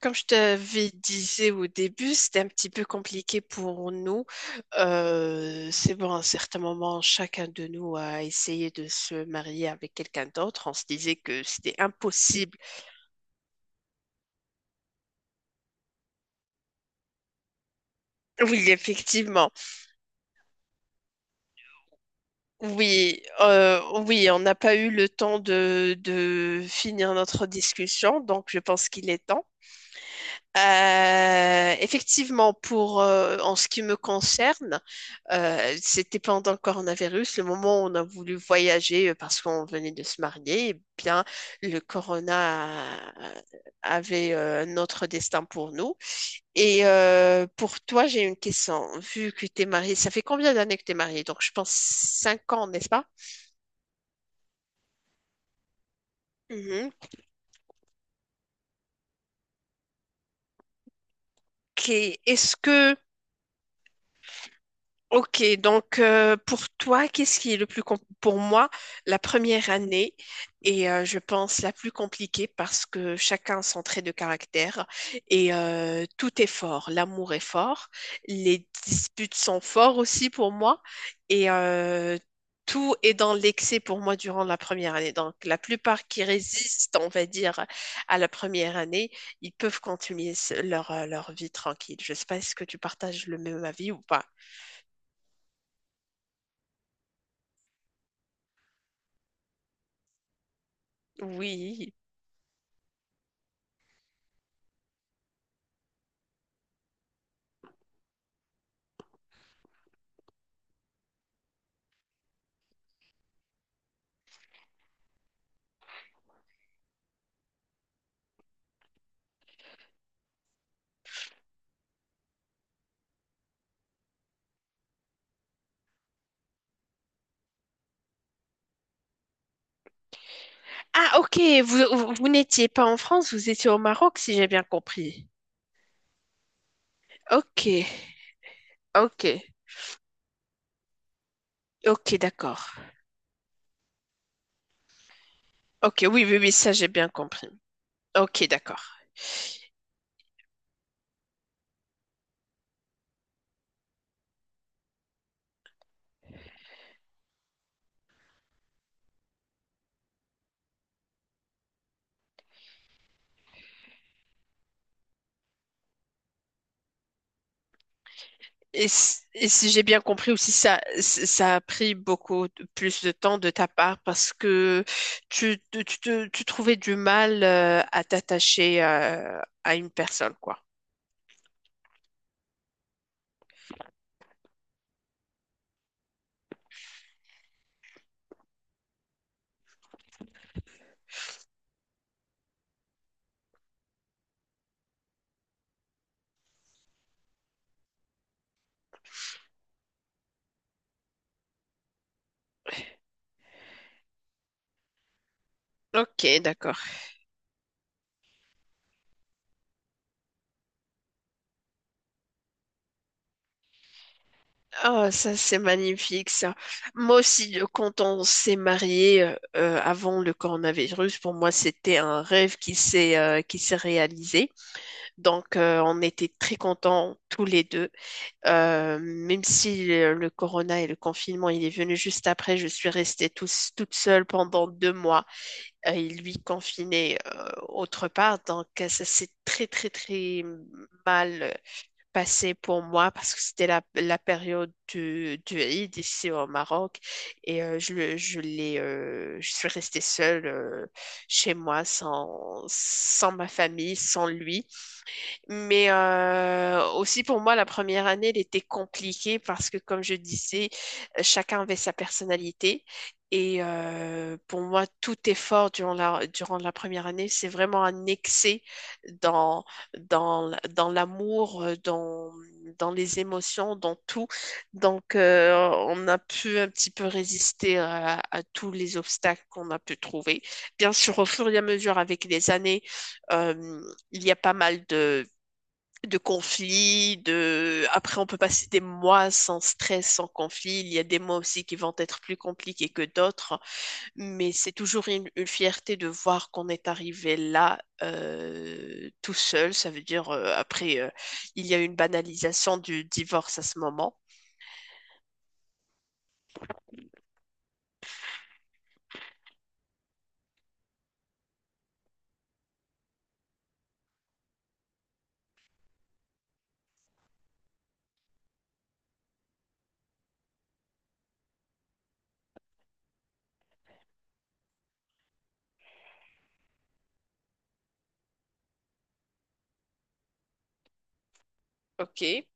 Comme je t'avais disais au début, c'était un petit peu compliqué pour nous. C'est bon, à un certain moment, chacun de nous a essayé de se marier avec quelqu'un d'autre. On se disait que c'était impossible. Oui, effectivement. Oui, oui, on n'a pas eu le temps de finir notre discussion, donc je pense qu'il est temps. Effectivement, pour en ce qui me concerne, c'était pendant le coronavirus, le moment où on a voulu voyager parce qu'on venait de se marier, eh bien le a- avait notre destin pour nous. Pour toi, j'ai une question. Vu que tu es mariée, ça fait combien d'années que tu es mariée? Donc je pense 5 ans, n'est-ce pas? Mhm. Ok. Est-ce que Ok, donc pour toi, qu'est-ce qui est le pour moi, la première année est, je pense, la plus compliquée parce que chacun a son trait de caractère et tout est fort. L'amour est fort, les disputes sont forts aussi pour moi et tout est dans l'excès pour moi durant la première année. Donc la plupart qui résistent, on va dire, à la première année, ils peuvent continuer leur, leur vie tranquille. Je sais pas si que tu partages le même avis ou pas. Oui. Ah, ok, vous n'étiez pas en France, vous étiez au Maroc, si j'ai bien compris. Ok, ok, ok, d'accord. Ok, oui, oui, oui, ça j'ai bien compris. Ok, d'accord. Et si j'ai bien compris aussi, ça, ça a pris plus de temps de ta part parce que tu trouvais du mal à t'attacher à une personne, quoi. Ok, d'accord. Ah, ça c'est magnifique ça. Moi aussi, quand on s'est marié avant le coronavirus, pour moi c'était un rêve qui s'est réalisé. Donc on était très contents tous les deux. Même si le, le corona et le confinement il est venu juste après, je suis restée toute seule pendant 2 mois et lui confiné autre part. Donc ça s'est très très très mal passé pour moi parce que c'était la, la période du Eid ici au Maroc et je, le- je l'ai, je suis restée seule chez moi sans, sans ma famille, sans lui. Mais aussi pour moi, la première année, elle était compliquée parce que, comme je disais, chacun avait sa personnalité. Et pour moi, tout effort durant la première année, c'est vraiment un excès dans, dans l'amour, dans, dans les émotions, dans tout. Donc, on a pu un petit peu résister à tous les obstacles qu'on a pu trouver. Bien sûr, au fur et à mesure, avec les années, euh, il y a pas mal de conflits, de... Après, on peut passer des mois sans stress, sans conflit. Il y a des mois aussi qui vont être plus compliqués que d'autres, mais c'est toujours une fierté de voir qu'on est arrivé là tout seul. Ça veut dire, après, il y a une banalisation du divorce à ce moment. OK.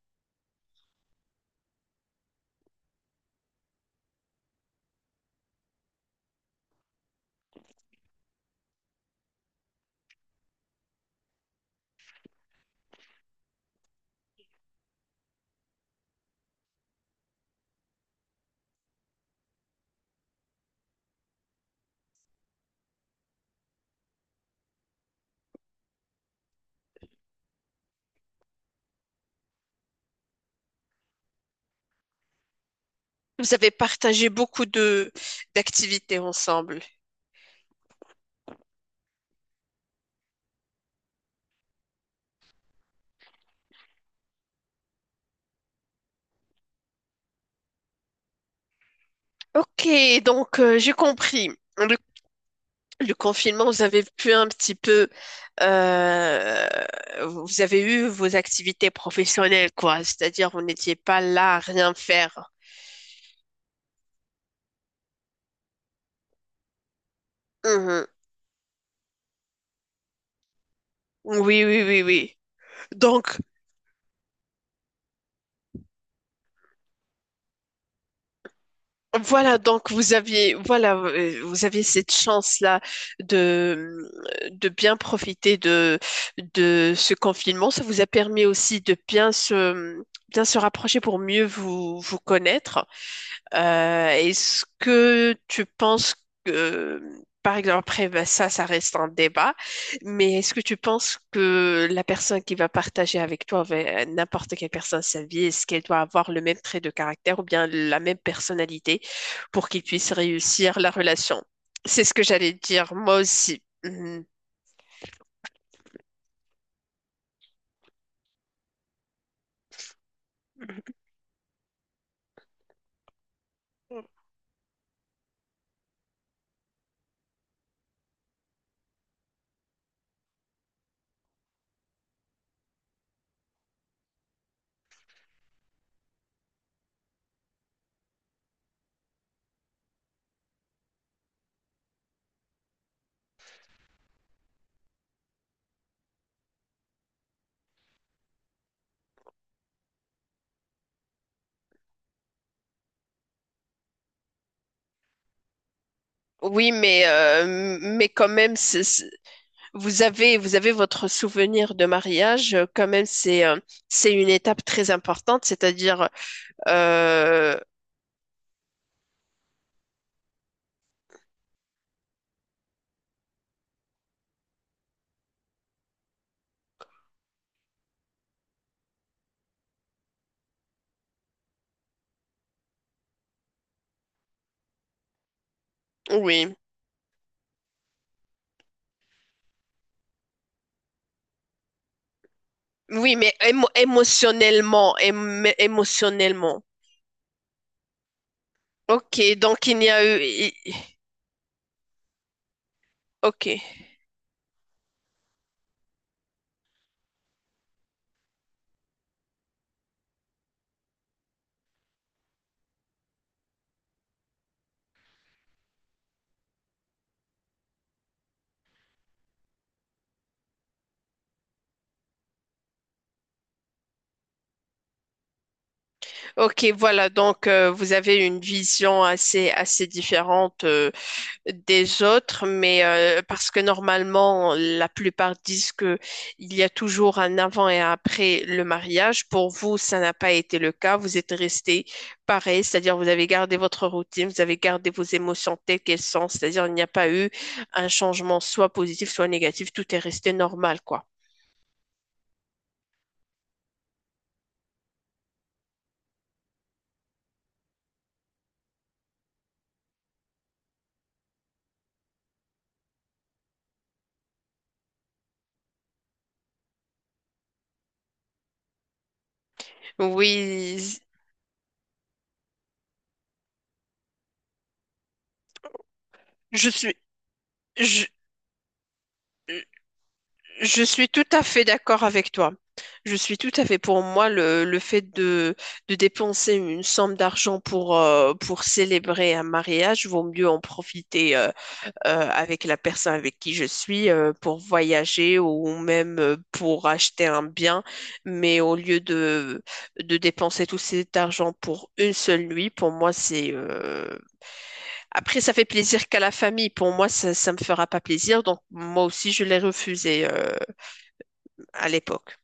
Vous avez partagé beaucoup de d'activités ensemble. Ok, donc j'ai compris. Le Le confinement, vous avez pu un petit peu, euh, vous avez eu vos activités professionnelles, quoi. C'est-à-dire, vous n'étiez pas là à rien faire. Mhm. Oui, oui, oui, oui. Donc, voilà, donc vous aviez, voilà, vous aviez cette chance-là de, de bien profiter de ce confinement. Ça vous a permis aussi de bien se rapprocher pour mieux vous, vous connaître. Est-ce que tu penses que, par exemple, après, ben, ça reste un débat, mais est-ce que tu penses que la personne qui va partager avec toi, avec n'importe quelle personne sa vie, est-ce qu'elle doit avoir le même trait de caractère ou bien la même personnalité pour qu'ils puissent réussir la relation? C'est ce que j'allais dire, moi aussi. Mhm. Oui, mais quand même, vous avez votre souvenir de mariage, quand même, c'est une étape très importante, c'est-à-dire, euh, oui, oui, mais émotionnellement, émotionnellement. Ok, donc il n'y a eu, i- i- ok, ok, voilà, donc vous avez une vision assez, assez différente. Des autres, mais parce que normalement, la plupart disent que il y a toujours un avant et un après le mariage. Pour vous, ça n'a pas été le cas. Vous êtes resté pareil, c'est-à-dire vous avez gardé votre routine, vous avez gardé vos émotions telles qu'elles sont, c'est-à-dire il n'y a pas eu un changement soit positif, soit négatif. Tout est resté normal, quoi. Oui, je suis, je, je suis tout à fait d'accord avec toi. Je suis tout à fait pour moi le fait de dépenser une somme d'argent pour célébrer un mariage, vaut mieux en profiter avec la personne avec qui je suis pour voyager ou même pour acheter un bien. Mais au lieu de dépenser tout cet argent pour une seule nuit, pour moi, c'est, après, ça fait plaisir qu'à la famille. Pour moi, ça me fera pas plaisir. Donc, moi aussi, je l'ai refusé à l'époque.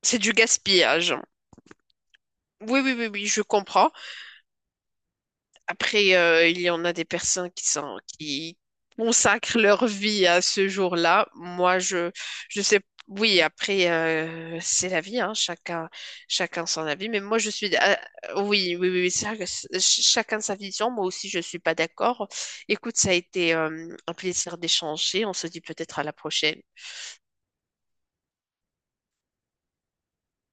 C'est du gaspillage. Oui, oui, oui, oui, je comprends. Après, il y en a des personnes qui sont, qui consacrent leur vie à ce jour-là. Moi, je sais, oui, après, c'est la vie, hein, chacun, chacun son avis. Mais moi, je suis, ah, oui, oui, oui, oui, c'est vrai que ch- chacun sa vision. Moi aussi, je suis pas d'accord. Écoute, ça a été, un plaisir d'échanger. On se dit peut-être à la prochaine.